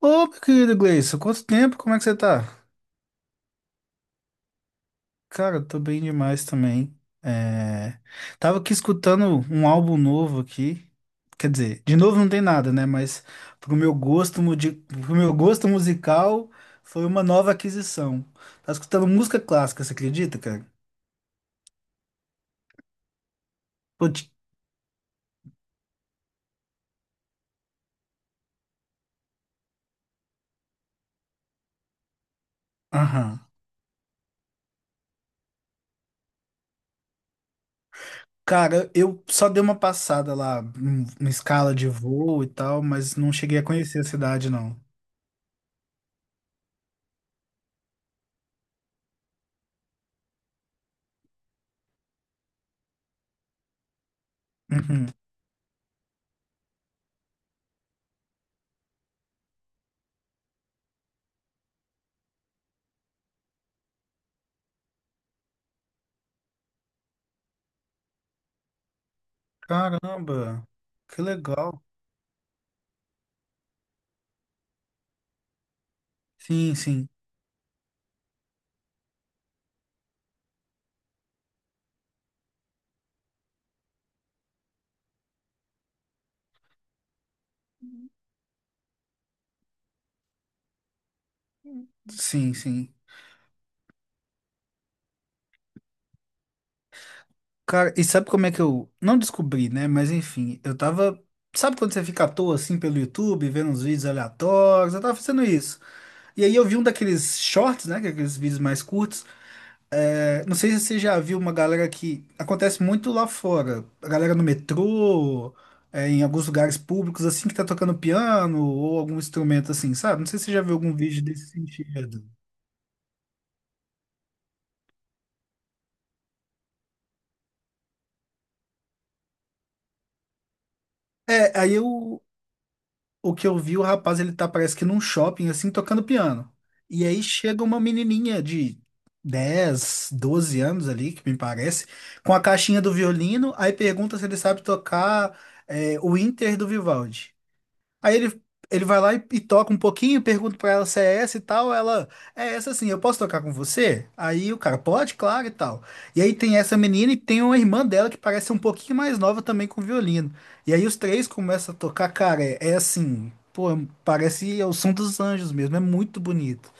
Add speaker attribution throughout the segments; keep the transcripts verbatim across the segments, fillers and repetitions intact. Speaker 1: Ô, meu querido Gleison, quanto tempo? Como é que você tá? Cara, eu tô bem demais também. É, Tava aqui escutando um álbum novo aqui. Quer dizer, de novo não tem nada, né? Mas pro meu gosto, mudi- pro meu gosto musical, foi uma nova aquisição. Tava escutando música clássica, você acredita, cara? Pô, ti- Aham. Cara, eu só dei uma passada lá, em em escala de voo e tal, mas não cheguei a conhecer a cidade, não. Uhum. Caramba, que legal. Sim, sim, sim, sim. Cara, e sabe como é que eu não descobri, né? Mas enfim, eu tava. Sabe quando você fica à toa assim pelo YouTube, vendo uns vídeos aleatórios? Eu tava fazendo isso. E aí eu vi um daqueles shorts, né, que é aqueles vídeos mais curtos. É, Não sei se você já viu, uma galera que acontece muito lá fora. A galera no metrô, é, em alguns lugares públicos, assim, que tá tocando piano ou algum instrumento assim, sabe? Não sei se você já viu algum vídeo desse sentido. É, aí eu O que eu vi, o rapaz, ele tá, parece que num shopping, assim, tocando piano. E aí chega uma menininha de dez, doze anos ali, que me parece, com a caixinha do violino, aí pergunta se ele sabe tocar é, o Inter do Vivaldi. Aí ele, ele vai lá e, e, toca um pouquinho, pergunta pra ela se é essa e tal. Ela, é essa sim, eu posso tocar com você? Aí o cara, pode, claro e tal. E aí tem essa menina e tem uma irmã dela que parece ser um pouquinho mais nova também com violino. E aí os três começam a tocar, cara, é, é assim, pô, parece o som dos anjos mesmo, é muito bonito.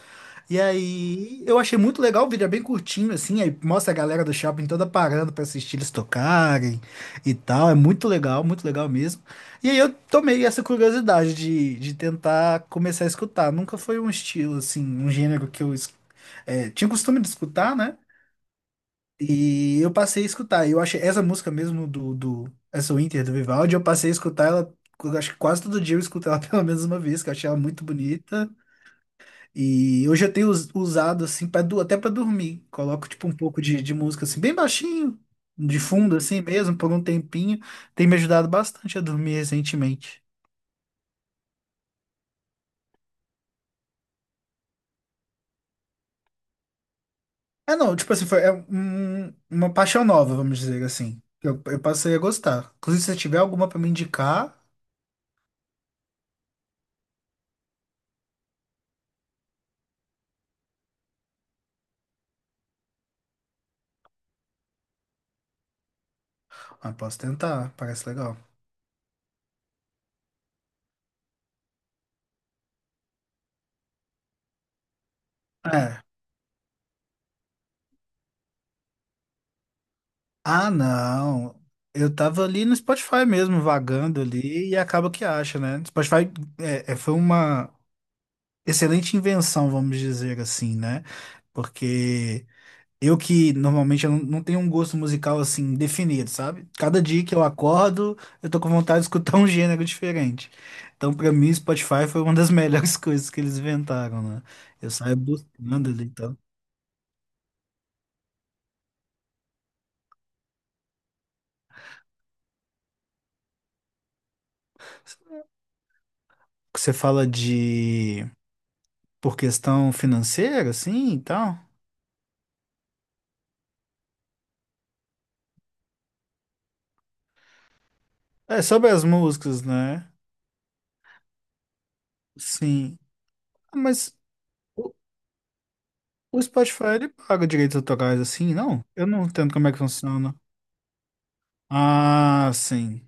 Speaker 1: E aí, eu achei muito legal, o vídeo é bem curtinho, assim, aí mostra a galera do shopping toda parando pra assistir eles tocarem e tal. É muito legal, muito legal mesmo. E aí eu tomei essa curiosidade de, de, tentar começar a escutar. Nunca foi um estilo, assim, um gênero que eu es- é, tinha costume de escutar, né? E eu passei a escutar. E Eu achei essa música mesmo do, do essa Winter do Vivaldi, eu passei a escutar ela, eu acho que quase todo dia eu escuto ela pelo menos uma vez, que eu achei ela muito bonita. E hoje eu tenho us- usado assim para, até para dormir. Coloco tipo um pouco de, de música assim bem baixinho, de fundo assim mesmo, por um tempinho. Tem me ajudado bastante a dormir recentemente. É, não, tipo assim, foi é um- uma paixão nova, vamos dizer assim. Eu, eu passei a gostar. Inclusive, se você tiver alguma para me indicar, ah, posso tentar, parece legal. É. Ah, não. Eu tava ali no Spotify mesmo, vagando ali, e acaba que acha, né? Spotify é, é, foi uma excelente invenção, vamos dizer assim, né? Porque eu, que normalmente eu não não tenho um gosto musical assim definido, sabe? Cada dia que eu acordo, eu tô com vontade de escutar um gênero diferente. Então, pra mim, Spotify foi uma das melhores coisas que eles inventaram, né? Eu saio buscando ali e tal. Você fala de, por questão financeira, assim, e tal. É sobre as músicas, né? Sim. Ah, Mas O Spotify, ele paga direitos autorais assim, não? Eu não entendo como é que funciona. Ah, sim.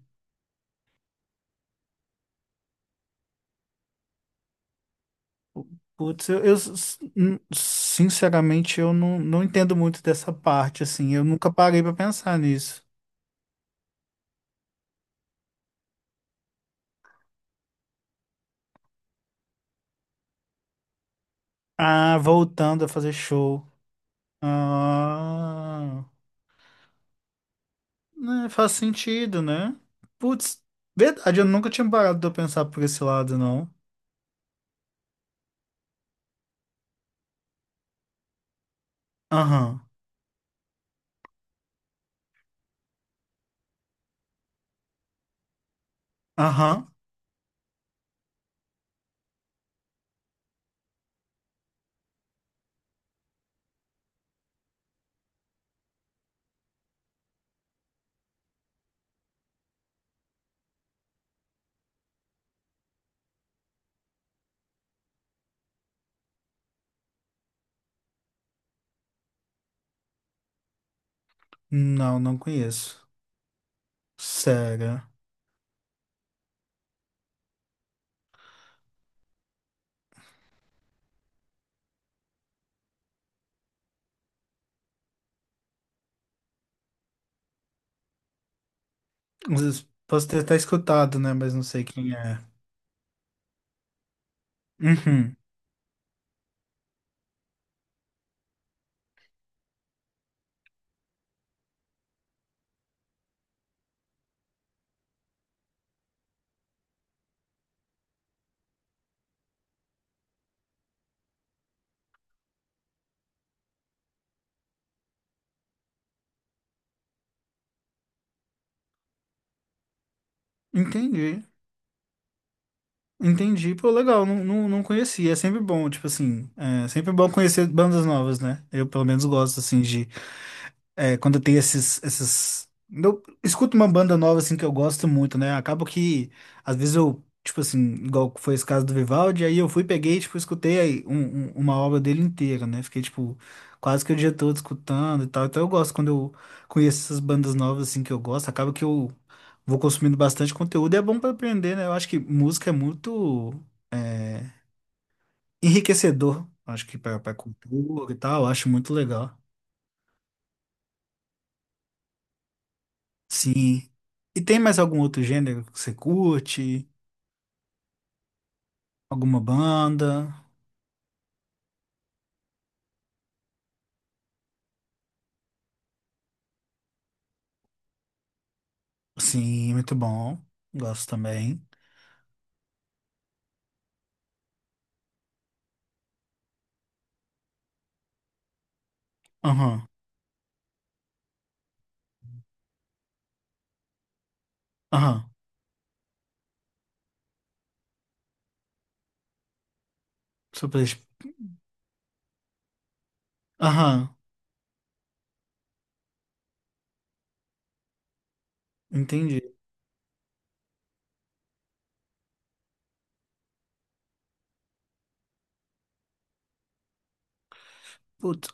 Speaker 1: Putz, eu, eu, s- sinceramente eu não, não entendo muito dessa parte, assim. Eu nunca parei pra pensar nisso. Ah, voltando a fazer show. Ah, né, faz sentido, né? Putz, verdade, eu nunca tinha parado de pensar por esse lado, não. Aham, aham. Não, não conheço. Sério. Às vezes Posso ter até escutado, né? Mas não sei quem é. Uhum. Entendi. Entendi. Pô, legal. Não, não, não conhecia. É sempre bom, tipo assim. É sempre bom conhecer bandas novas, né? Eu, pelo menos, gosto, assim, de, é, quando tem esses, esses... Eu escuto uma banda nova, assim, que eu gosto muito, né? Acabo que, às vezes eu, tipo assim, igual foi esse caso do Vivaldi, aí eu fui, peguei, tipo, escutei aí um- um- uma obra dele inteira, né? Fiquei, tipo, quase que o dia todo escutando e tal. Então eu gosto quando eu conheço essas bandas novas, assim, que eu gosto. Acaba que eu vou consumindo bastante conteúdo e é bom pra aprender, né? Eu acho que música é muito enriquecedor. Acho que pra, pra, cultura e tal, eu acho muito legal. Sim. E tem mais algum outro gênero que você curte? Alguma banda? Sim, muito bom. Gosto também. Aham, aham. Só pra... deixar- Aham, entendi. Putz,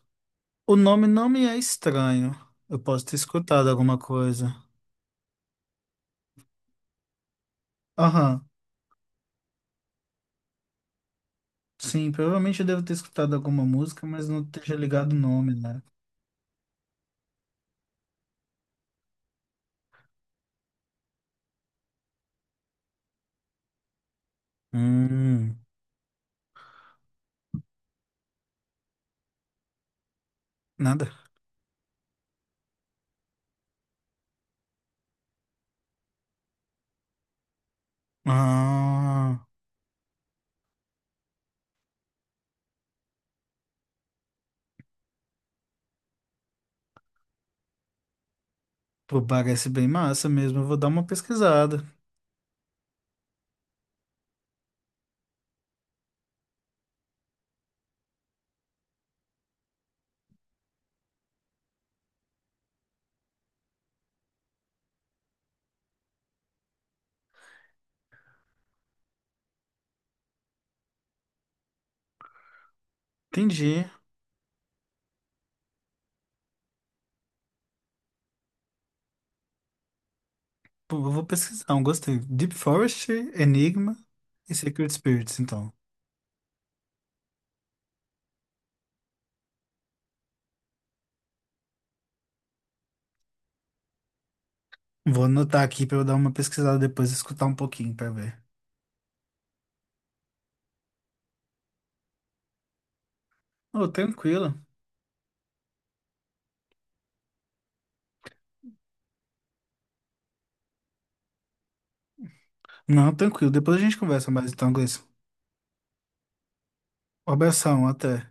Speaker 1: o nome não me é estranho. Eu posso ter escutado alguma coisa. Aham, sim, provavelmente eu devo ter escutado alguma música, mas não esteja ligado o nome, né? Hum, nada. Ah, pô, parece bem massa mesmo. Eu vou dar uma pesquisada. Entendi. Pô, eu vou pesquisar, um, gostei. Deep Forest, Enigma e Secret Spirits, então. Vou anotar aqui pra eu dar uma pesquisada depois e escutar um pouquinho pra ver. Ô, tranquilo. Não, tranquilo. Depois a gente conversa mais então, Gleison. Um abração, até.